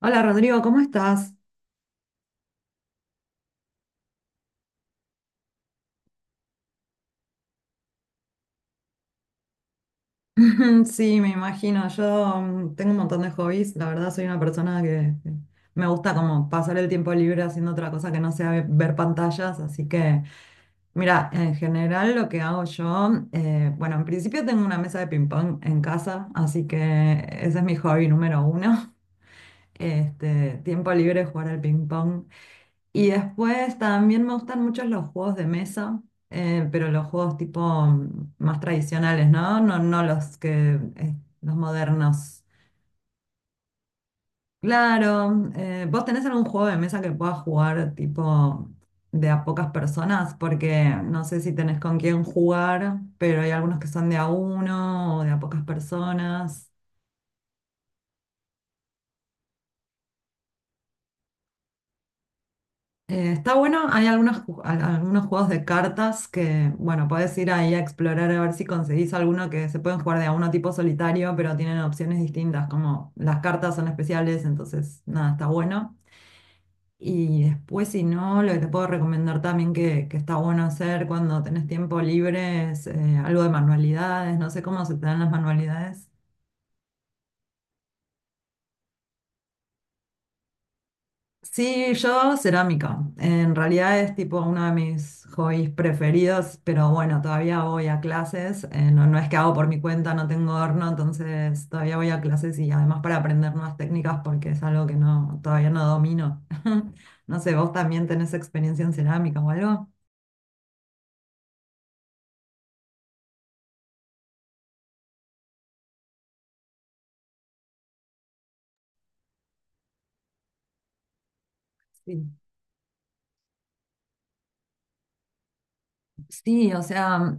Hola Rodrigo, ¿cómo estás? Sí, me imagino. Yo tengo un montón de hobbies. La verdad soy una persona que me gusta como pasar el tiempo libre haciendo otra cosa que no sea ver pantallas. Así que mira, en general lo que hago yo, bueno, en principio tengo una mesa de ping pong en casa, así que ese es mi hobby número uno. Este, tiempo libre jugar al ping pong. Y después también me gustan mucho los juegos de mesa, pero los juegos tipo más tradicionales, ¿no? No los que los modernos. Claro, ¿vos tenés algún juego de mesa que puedas jugar tipo de a pocas personas? Porque no sé si tenés con quién jugar, pero hay algunos que son de a uno o de a pocas personas. Está bueno, hay algunos, algunos juegos de cartas que, bueno, podés ir ahí a explorar a ver si conseguís alguno que se pueden jugar de a uno tipo solitario, pero tienen opciones distintas, como las cartas son especiales, entonces nada, está bueno. Y después, si no, lo que te puedo recomendar también que está bueno hacer cuando tenés tiempo libre es algo de manualidades, no sé cómo se te dan las manualidades. Sí, yo cerámica. En realidad es tipo uno de mis hobbies preferidos, pero bueno, todavía voy a clases. No es que hago por mi cuenta, no tengo horno, entonces todavía voy a clases y además para aprender nuevas técnicas porque es algo que no, todavía no domino. No sé, ¿vos también tenés experiencia en cerámica o algo? Sí. Sí, o sea,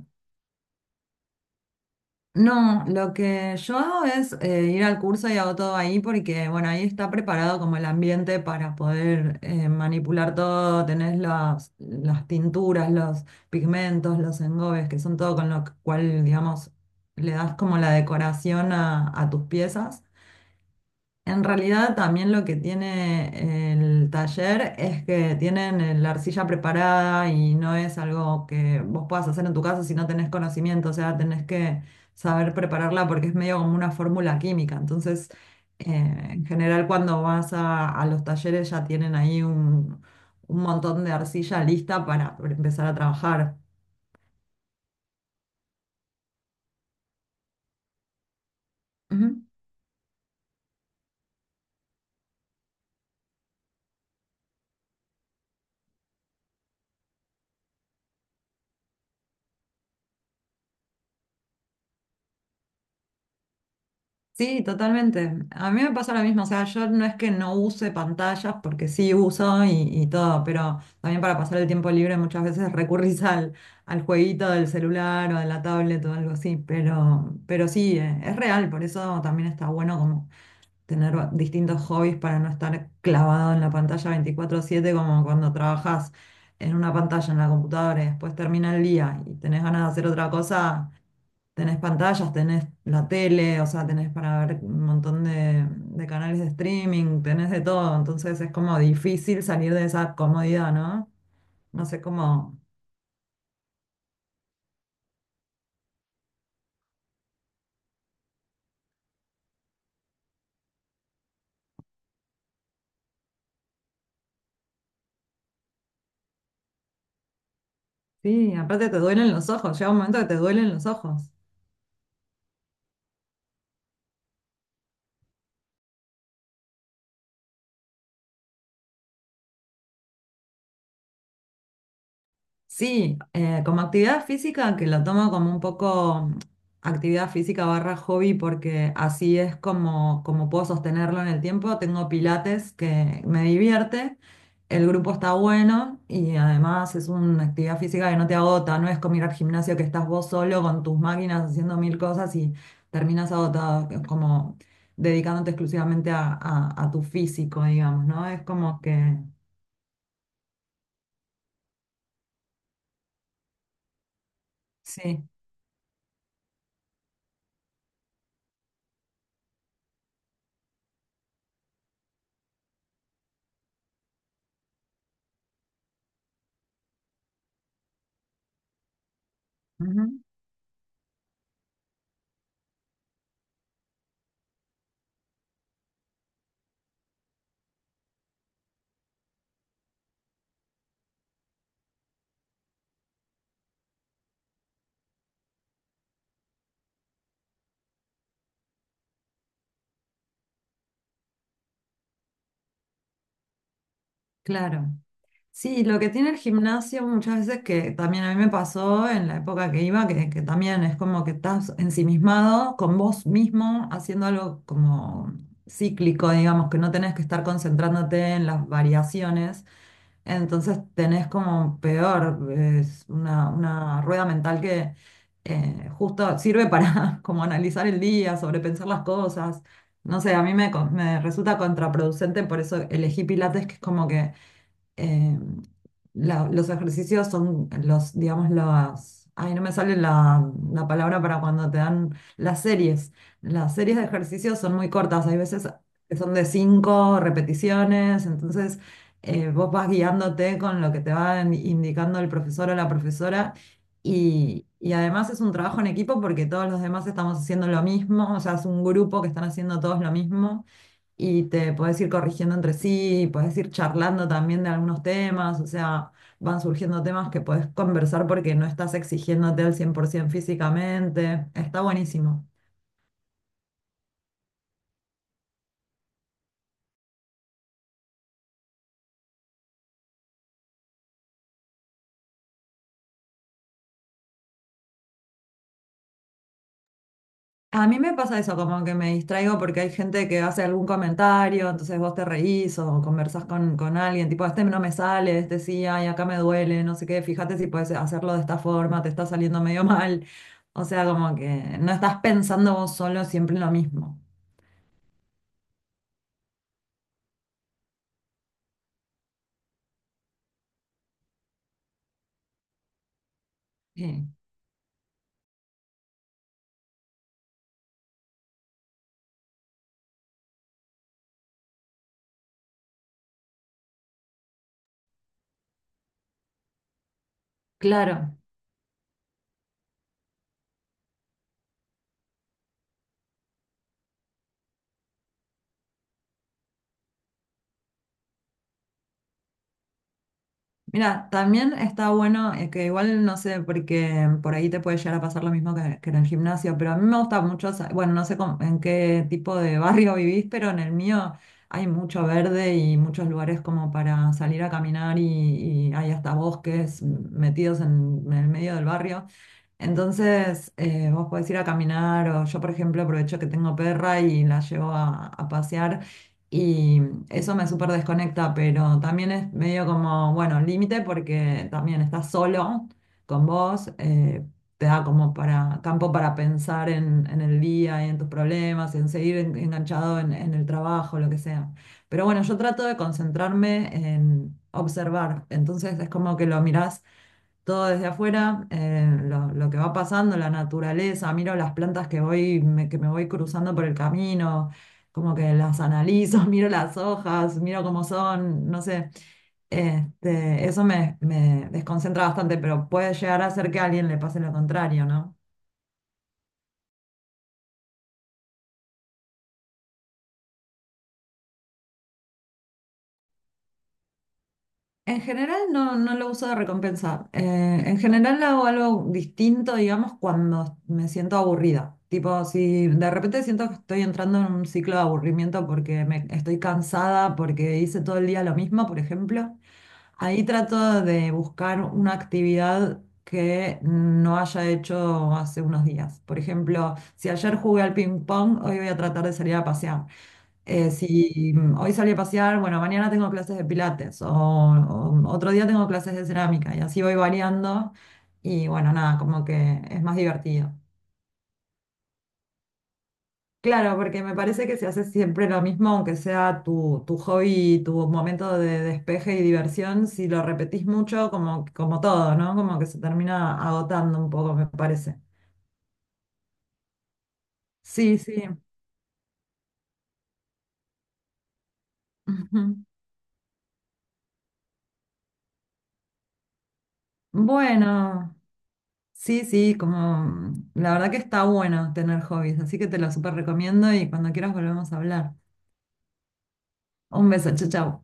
no, lo que yo hago es ir al curso y hago todo ahí porque, bueno, ahí está preparado como el ambiente para poder manipular todo, tenés las tinturas, los pigmentos, los engobes, que son todo con lo cual, digamos, le das como la decoración a tus piezas. En realidad también lo que tiene el taller es que tienen la arcilla preparada y no es algo que vos puedas hacer en tu casa si no tenés conocimiento, o sea, tenés que saber prepararla porque es medio como una fórmula química. Entonces, en general cuando vas a los talleres ya tienen ahí un montón de arcilla lista para empezar a trabajar. Sí, totalmente. A mí me pasa lo mismo, o sea, yo no es que no use pantallas, porque sí uso y todo, pero también para pasar el tiempo libre muchas veces recurrís al jueguito del celular o de la tablet o algo así, pero sí, es real, por eso también está bueno como tener distintos hobbies para no estar clavado en la pantalla 24/7 como cuando trabajas en una pantalla en la computadora y después termina el día y tenés ganas de hacer otra cosa. Tenés pantallas, tenés la tele, o sea, tenés para ver un montón de canales de streaming, tenés de todo, entonces es como difícil salir de esa comodidad, ¿no? No sé cómo... Sí, aparte te duelen los ojos, llega un momento que te duelen los ojos. Sí, como actividad física, que lo tomo como un poco actividad física barra hobby, porque así es como, como puedo sostenerlo en el tiempo. Tengo pilates que me divierte, el grupo está bueno y además es una actividad física que no te agota, no es como ir al gimnasio que estás vos solo con tus máquinas haciendo mil cosas y terminas agotado, que es como dedicándote exclusivamente a, a tu físico, digamos, ¿no? Es como que... Sí. Claro. Sí, lo que tiene el gimnasio muchas veces que también a mí me pasó en la época que iba, que también es como que estás ensimismado con vos mismo, haciendo algo como cíclico, digamos, que no tenés que estar concentrándote en las variaciones. Entonces tenés como peor, es una rueda mental que justo sirve para como analizar el día, sobrepensar las cosas. No sé, a mí me resulta contraproducente, por eso elegí Pilates, que es como que eh, los ejercicios son los, digamos, las... Ay, no me sale la palabra para cuando te dan las series. Las series de ejercicios son muy cortas, hay veces que son de 5 repeticiones, entonces vos vas guiándote con lo que te va indicando el profesor o la profesora y además es un trabajo en equipo porque todos los demás estamos haciendo lo mismo, o sea, es un grupo que están haciendo todos lo mismo y te podés ir corrigiendo entre sí, podés ir charlando también de algunos temas, o sea, van surgiendo temas que podés conversar porque no estás exigiéndote al 100% físicamente, está buenísimo. A mí me pasa eso, como que me distraigo porque hay gente que hace algún comentario, entonces vos te reís o conversás con alguien, tipo, este no me sale, este sí, ay, acá me duele, no sé qué, fíjate si puedes hacerlo de esta forma, te está saliendo medio mal. O sea, como que no estás pensando vos solo siempre en lo mismo. Sí, claro. Mira, también está bueno, que igual no sé, porque por ahí te puede llegar a pasar lo mismo que en el gimnasio, pero a mí me gusta mucho, bueno, no sé en qué tipo de barrio vivís, pero en el mío hay mucho verde y muchos lugares como para salir a caminar y hay hasta bosques metidos en el medio del barrio. Entonces, vos podés ir a caminar o yo, por ejemplo, aprovecho que tengo perra y la llevo a pasear y eso me súper desconecta, pero también es medio como, bueno, límite porque también estás solo con vos, te da como para campo para pensar en el día y en tus problemas, en seguir enganchado en el trabajo, lo que sea. Pero bueno, yo trato de concentrarme en observar, entonces es como que lo mirás todo desde afuera, lo que va pasando, la naturaleza, miro las plantas que voy, que me voy cruzando por el camino, como que las analizo, miro las hojas, miro cómo son, no sé. Este, eso me desconcentra bastante, pero puede llegar a ser que a alguien le pase lo contrario, ¿no? En general no lo uso de recompensa. En general hago algo distinto, digamos, cuando me siento aburrida. Tipo, si de repente siento que estoy entrando en un ciclo de aburrimiento porque me, estoy cansada, porque hice todo el día lo mismo, por ejemplo, ahí trato de buscar una actividad que no haya hecho hace unos días. Por ejemplo, si ayer jugué al ping pong, hoy voy a tratar de salir a pasear. Si hoy salí a pasear, bueno, mañana tengo clases de pilates o otro día tengo clases de cerámica y así voy variando y bueno, nada, como que es más divertido. Claro, porque me parece que si haces siempre lo mismo, aunque sea tu, tu hobby, tu momento de despeje y diversión, si lo repetís mucho, como, como todo, ¿no? Como que se termina agotando un poco, me parece. Sí, sí. Bueno. Sí, sí, como la verdad que está bueno tener hobbies, así que te lo súper recomiendo y cuando quieras volvemos a hablar. Un beso, chau, chau.